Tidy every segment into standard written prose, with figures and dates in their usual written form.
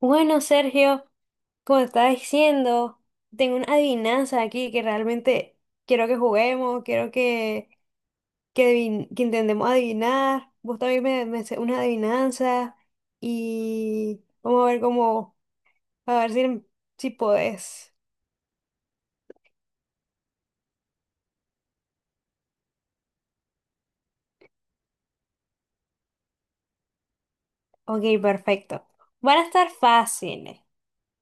Bueno, Sergio, como te estaba diciendo, tengo una adivinanza aquí que realmente quiero que juguemos, quiero que intentemos adivinar. Vos también me sé una adivinanza y vamos a ver cómo, a ver si podés. Ok, perfecto. Van a estar fáciles,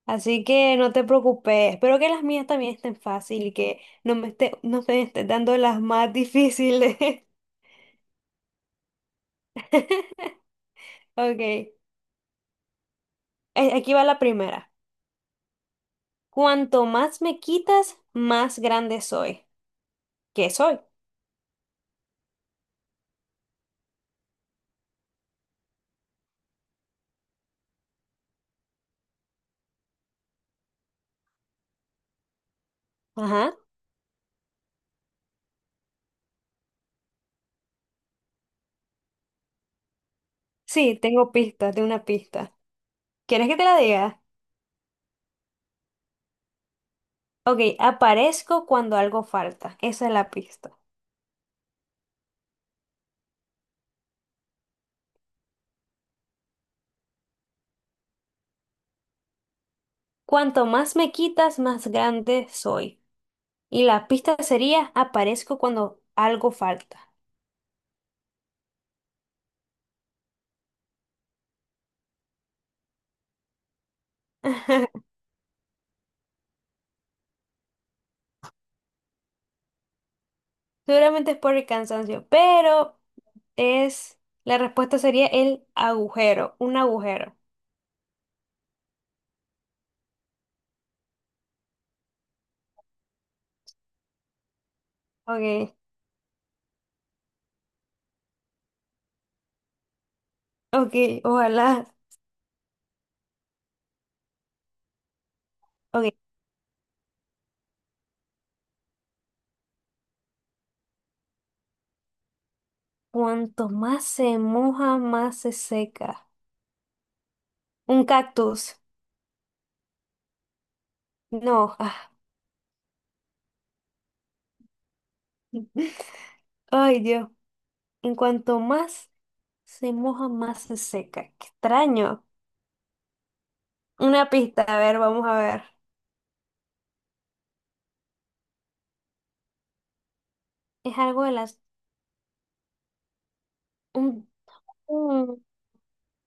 así que no te preocupes. Espero que las mías también estén fáciles y que no me estés dando las más difíciles. Ok, aquí va la primera. Cuanto más me quitas, más grande soy. ¿Qué soy? Ajá. Sí, tengo pistas de una pista. ¿Quieres que te la diga? Ok, aparezco cuando algo falta. Esa es la pista. Cuanto más me quitas, más grande soy. Y la pista sería aparezco cuando algo falta. Seguramente es por el cansancio, pero es... La respuesta sería el agujero, un agujero. Ok, ok, ojalá. Ok, cuanto más se moja, más se seca. Un cactus. No, ah. Ay, Dios. En cuanto más se moja, más se seca. Qué extraño. Una pista, a ver, vamos a ver. Es algo de las... un- un-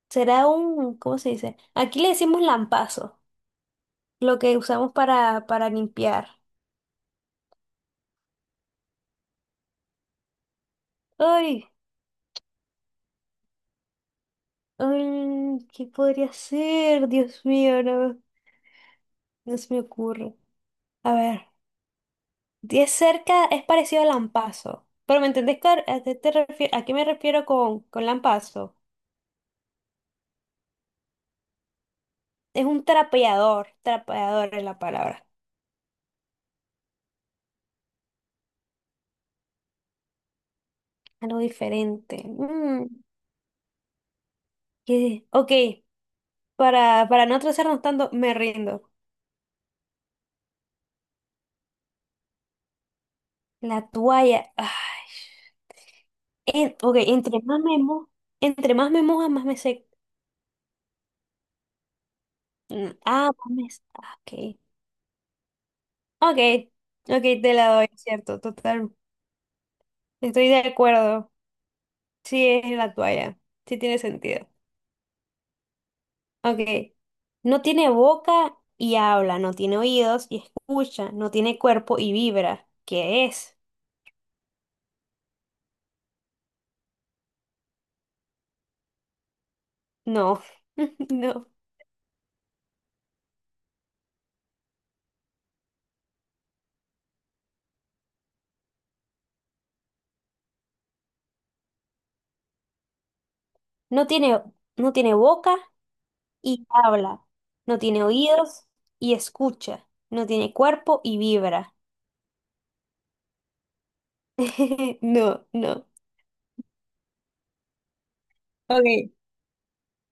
será un... ¿Cómo se dice? Aquí le decimos lampazo, lo que usamos para limpiar. Ay, ay, ¿qué podría ser? Dios mío, no, no se me ocurre. A ver. Y es cerca, es parecido al lampazo. Pero ¿me entendés a qué me refiero con lampazo? Es un trapeador, trapeador es la palabra. Algo diferente. ¿Qué? Ok, para no atrasarnos tanto, me rindo. La toalla. Ay. Ok, entre más me moja, más me seco. Ah, más me... se- ah, Ok. Ok, ok, te la doy, es cierto, total. Estoy de acuerdo. Sí, es la toalla. Sí tiene sentido. Ok. No tiene boca y habla, no tiene oídos y escucha, no tiene cuerpo y vibra. ¿Qué es? No. No. No tiene, no tiene boca y habla, no tiene oídos y escucha, no tiene cuerpo y vibra. No, no. Ok.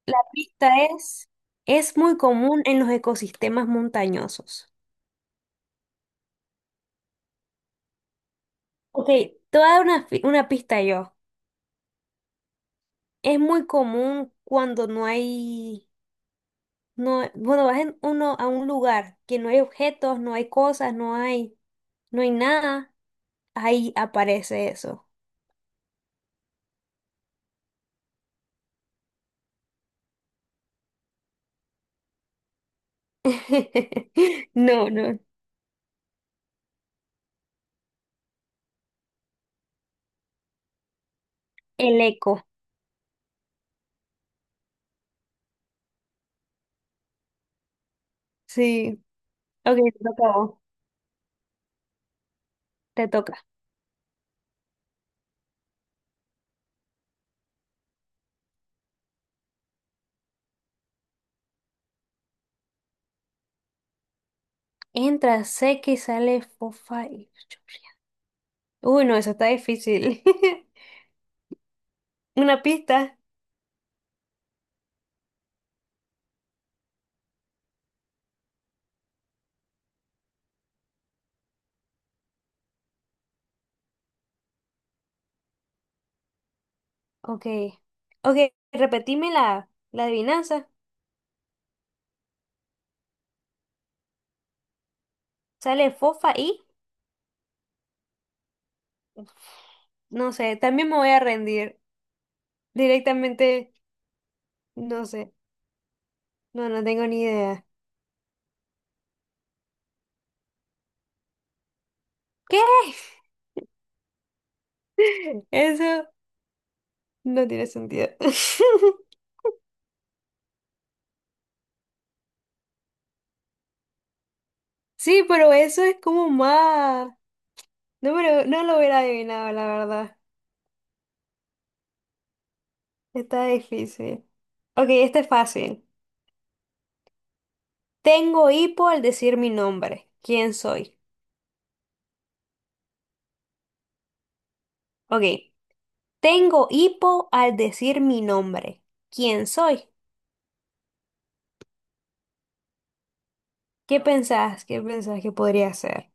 La pista es muy común en los ecosistemas montañosos. Ok, te voy a dar una pista yo. Es muy común cuando no, bueno, vas en uno a un lugar que no hay objetos, no hay cosas, no hay nada, ahí aparece eso. No, no, el eco. Sí. Ok, te toca a vos. Te toca. Entra, seca y sale fofa y chorrea. Uy, no, eso está difícil. Una pista. Ok. Ok, repetime la adivinanza. Sale fofa y... No sé, también me voy a rendir. Directamente, no sé. No, no tengo ni idea. ¿Qué? Eso no tiene sentido. Sí, pero eso es como más. No, no lo hubiera adivinado, la verdad. Está difícil. Ok, este es fácil. Tengo hipo al decir mi nombre. ¿Quién soy? Ok. Tengo hipo al decir mi nombre. ¿Quién soy? ¿Qué pensás? ¿Qué pensás que podría ser?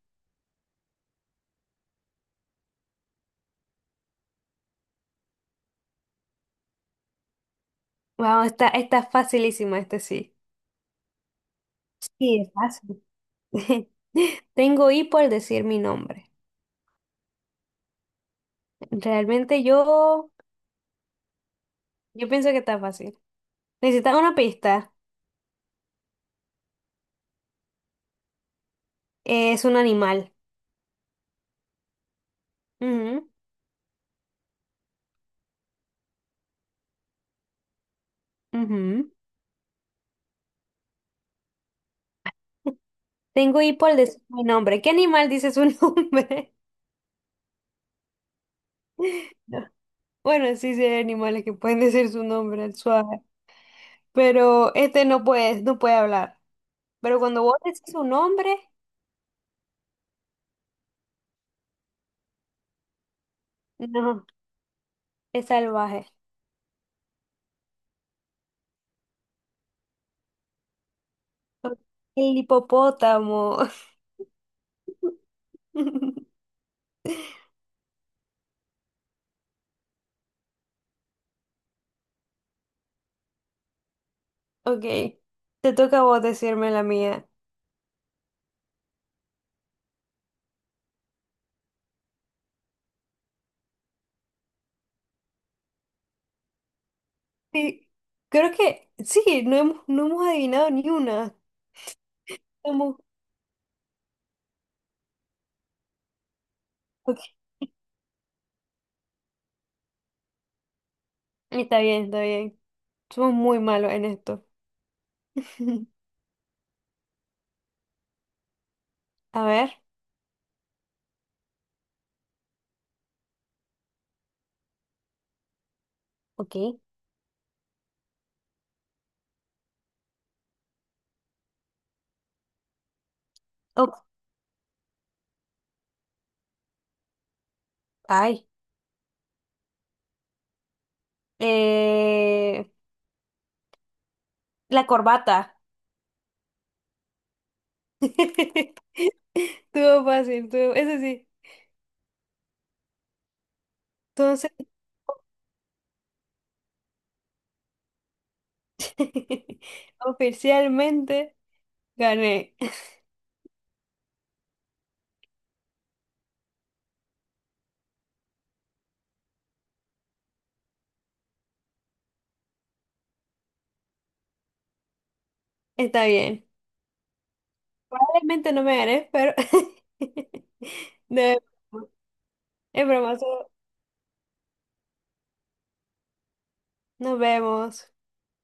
Vamos, está facilísimo este sí. Sí, es fácil. Tengo hipo al decir mi nombre. Realmente yo pienso que está fácil. Necesitas una pista. Es un animal. Ujú, ujú. Tengo hipo al decir mi nombre. ¿Qué animal dice su nombre? No. Bueno, sí, sí hay animales que pueden decir su nombre, el suave. Pero este no puede hablar. Pero cuando vos decís su nombre, no, es salvaje. El hipopótamo. Ok, te toca a vos decirme la mía. Sí, creo que sí, no hemos adivinado ni una. Somos- ok, está bien, está bien. Somos muy malos en esto. A ver, ok. Oh, ay, eh, la corbata. Estuvo fácil, eso sí. Entonces, oficialmente gané. Está bien. Probablemente no me ganes, pero... No, es broma, es broma, solo nos vemos.